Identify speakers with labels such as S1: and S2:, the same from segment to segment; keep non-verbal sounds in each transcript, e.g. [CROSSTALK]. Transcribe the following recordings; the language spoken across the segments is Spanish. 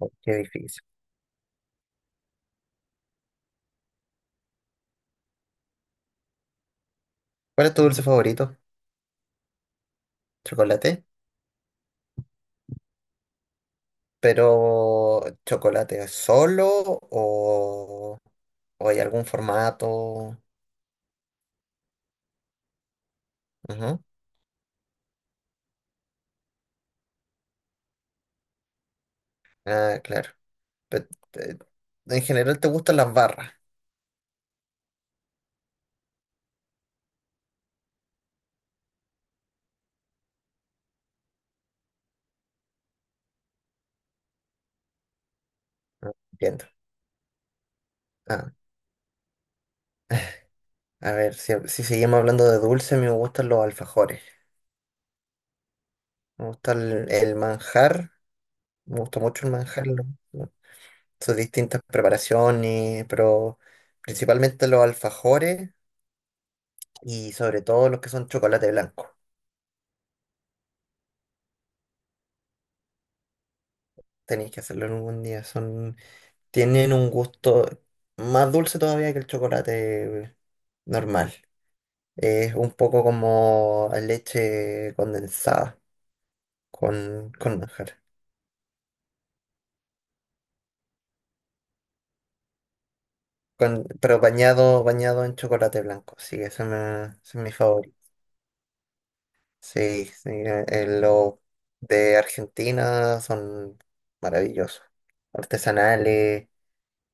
S1: Oh, qué difícil. ¿Cuál es tu dulce favorito? ¿Chocolate? Pero, ¿chocolate solo o hay algún formato? Ujú. Ah, claro. Pe- te- en general te gustan las barras. Ah, entiendo. Ah, a ver, si seguimos hablando de dulce, a mí me gustan los alfajores. Me gusta el manjar. Me gusta mucho el manjar. Lo- Sus distintas preparaciones, pero principalmente los alfajores. Y sobre todo los que son chocolate blanco. Tenéis que hacerlo en algún día. Son, tienen un gusto más dulce todavía que el chocolate normal. Es un poco como leche condensada con manjar. Con, pero bañado, bañado en chocolate blanco. Sí, ese es mi favorito. Sí, sí, los de Argentina son maravillosos. Artesanales,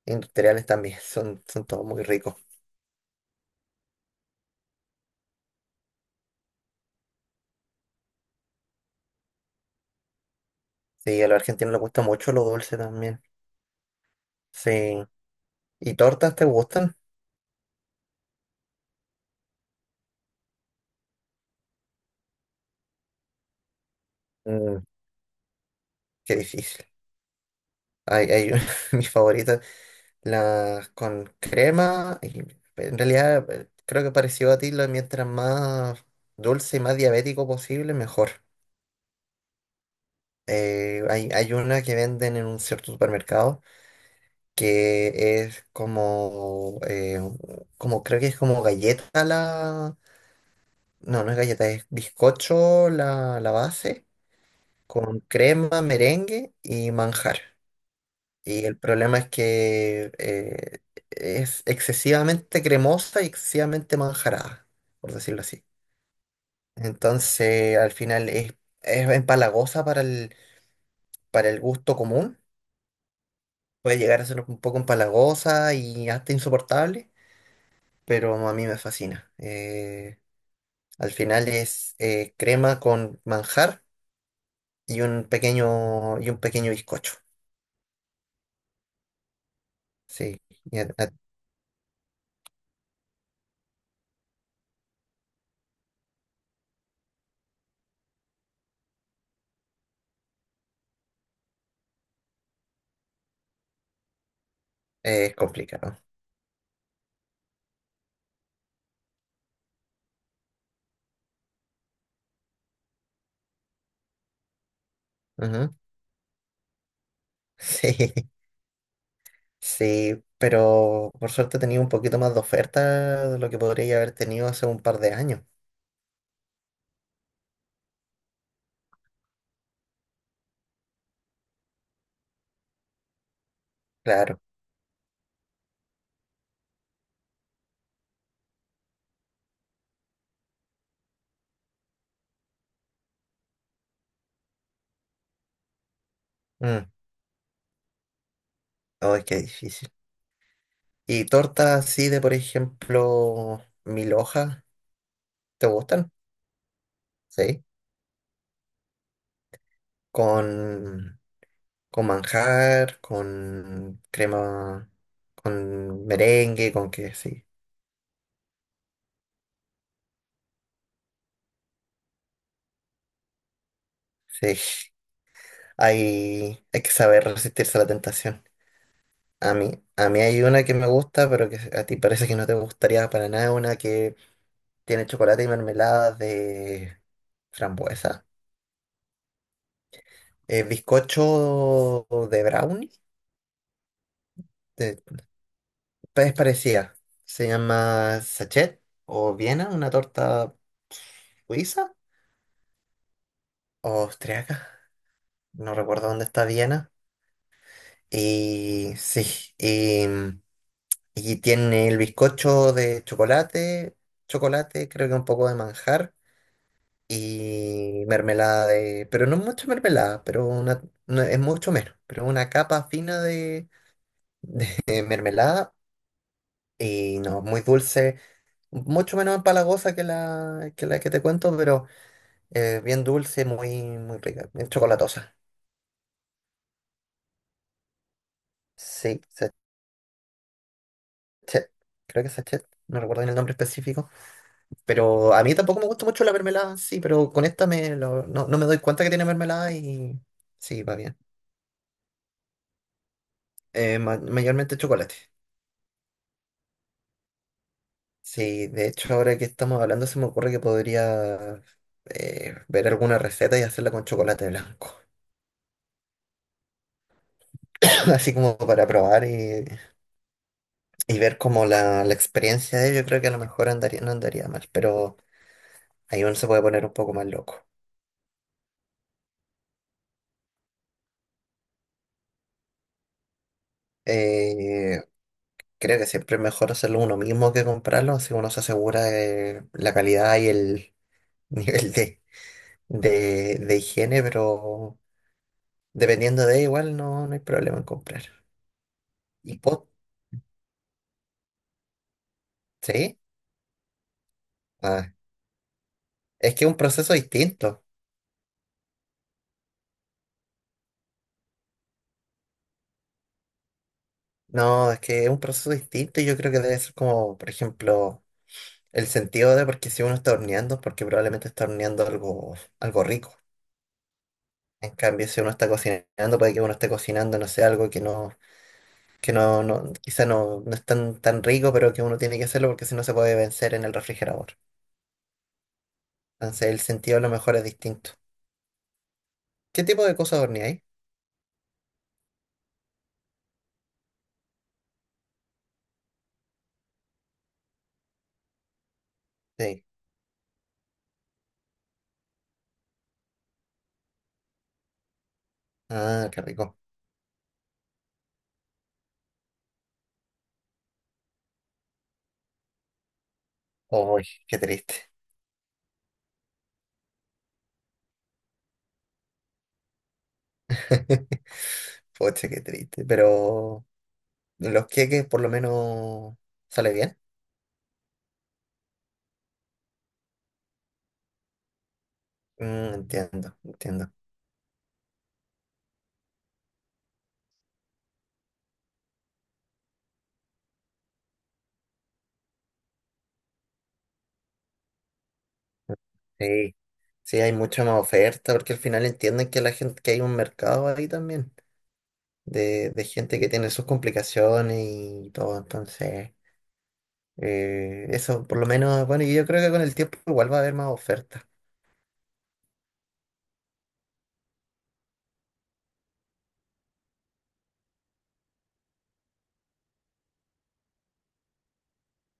S1: industriales también. [LAUGHS] Son todos muy ricos. Sí, a los argentinos les gusta mucho lo dulce también. Sí. ¿Y tortas te gustan? Mm, qué difícil. Hay [LAUGHS] mis favoritas, las con crema. Y en realidad, creo que pareció a ti, mientras más dulce y más diabético posible, mejor. Hay una que venden en un cierto supermercado que es como, como creo que es como galleta la... No, no es galleta, es bizcocho la base con crema, merengue y manjar. Y el problema es que es excesivamente cremosa y excesivamente manjarada, por decirlo así. Entonces, al final es empalagosa para para el gusto común. Puede llegar a ser un poco empalagosa y hasta insoportable, pero a mí me fascina. Al final es crema con manjar y un pequeño bizcocho. Sí, y a- a- es complicado. Ujú. Sí, [LAUGHS] sí, pero por suerte tenía un poquito más de oferta de lo que podría haber tenido hace un par de años. Claro. Mm. Ay, qué difícil. ¿Y tortas así de, por ejemplo, mil hojas? ¿Te gustan? Sí. Con, con manjar, con crema, con merengue, con qué, sí. Sí. Hay que saber resistirse a la tentación. A mí hay una que me gusta, pero que a ti parece que no te gustaría para nada, una que tiene chocolate y mermelada de frambuesa. Bizcocho de brownie, de- es parecida. Se llama sachet o Viena, una torta suiza o austriaca. No recuerdo dónde está Viena. Y sí, y, y tiene el bizcocho de chocolate, creo que un poco de manjar. Y mermelada de, pero no mucha mermelada, pero una, no, es mucho menos, pero una capa fina de mermelada y no, muy dulce, mucho menos empalagosa que la que te cuento, pero bien dulce, muy, muy rica, bien chocolatosa. Sí, sachet, creo que sachet, no recuerdo bien el nombre específico, pero a mí tampoco me gusta mucho la mermelada, sí, pero con esta no, no me doy cuenta que tiene mermelada y sí, va bien. Mayormente chocolate. Sí, de hecho ahora que estamos hablando se me ocurre que podría ver alguna receta y hacerla con chocolate blanco. [CLEARS THROAT] Así como para probar y ver como la experiencia de ello. Yo creo que a lo mejor andaría, no andaría mal, pero ahí uno se puede poner un poco más loco. Eh, Creo que siempre es mejor hacerlo uno mismo que comprarlo, así uno se asegura de la calidad y el [LAUGHS] nivel de higiene, pero dependiendo de igual no, no hay problema en comprar. ¿Y pot? ¿Sí? Ah, es que es un proceso distinto. No, es que es un proceso distinto y yo creo que debe ser como, por ejemplo, el sentido de porque si uno está horneando, es porque probablemente está horneando algo rico. En cambio, si uno está cocinando, puede que uno esté cocinando, no sé, algo que no, no, quizá no es tan rico, pero que uno tiene que hacerlo porque si no se puede vencer en el refrigerador. Entonces, el sentido a lo mejor es distinto. ¿Qué tipo de cosas horneáis? Sí. Ah, qué rico. Uy, qué triste. [LAUGHS] Poche, qué triste. Pero en los queques por lo menos sale bien. Mm, entiendo, entiendo. Sí, sí, hay mucha más oferta porque al final entienden que la gente, que hay un mercado ahí también de gente que tiene sus complicaciones y todo. Entonces, eso por lo menos, bueno, y yo creo que con el tiempo igual va a haber más ofertas.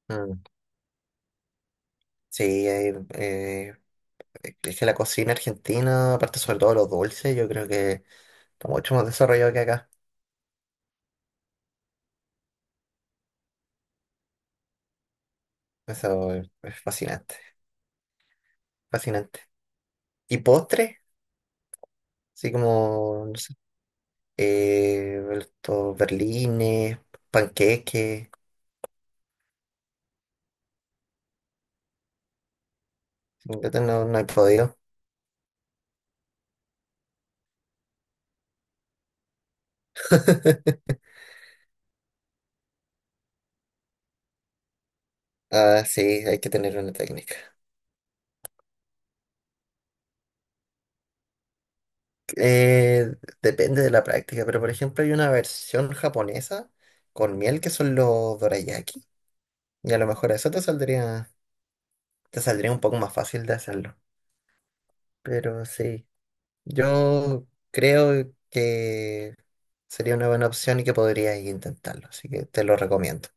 S1: Mm, sí, hay, es que la cocina argentina, aparte sobre todo los dulces, yo creo que está mucho más desarrollado que acá. Eso es fascinante, fascinante. ¿Y postre? Así como, no sé, estos berlines, panqueques. Sin gluten no, no he podido. [LAUGHS] Ah, sí, hay que tener una técnica. Eh, Depende de la práctica, pero por ejemplo hay una versión japonesa con miel que son los dorayaki. Y a lo mejor eso te saldría un poco más fácil de hacerlo. Pero sí, yo creo que sería una buena opción y que podrías intentarlo, así que te lo recomiendo.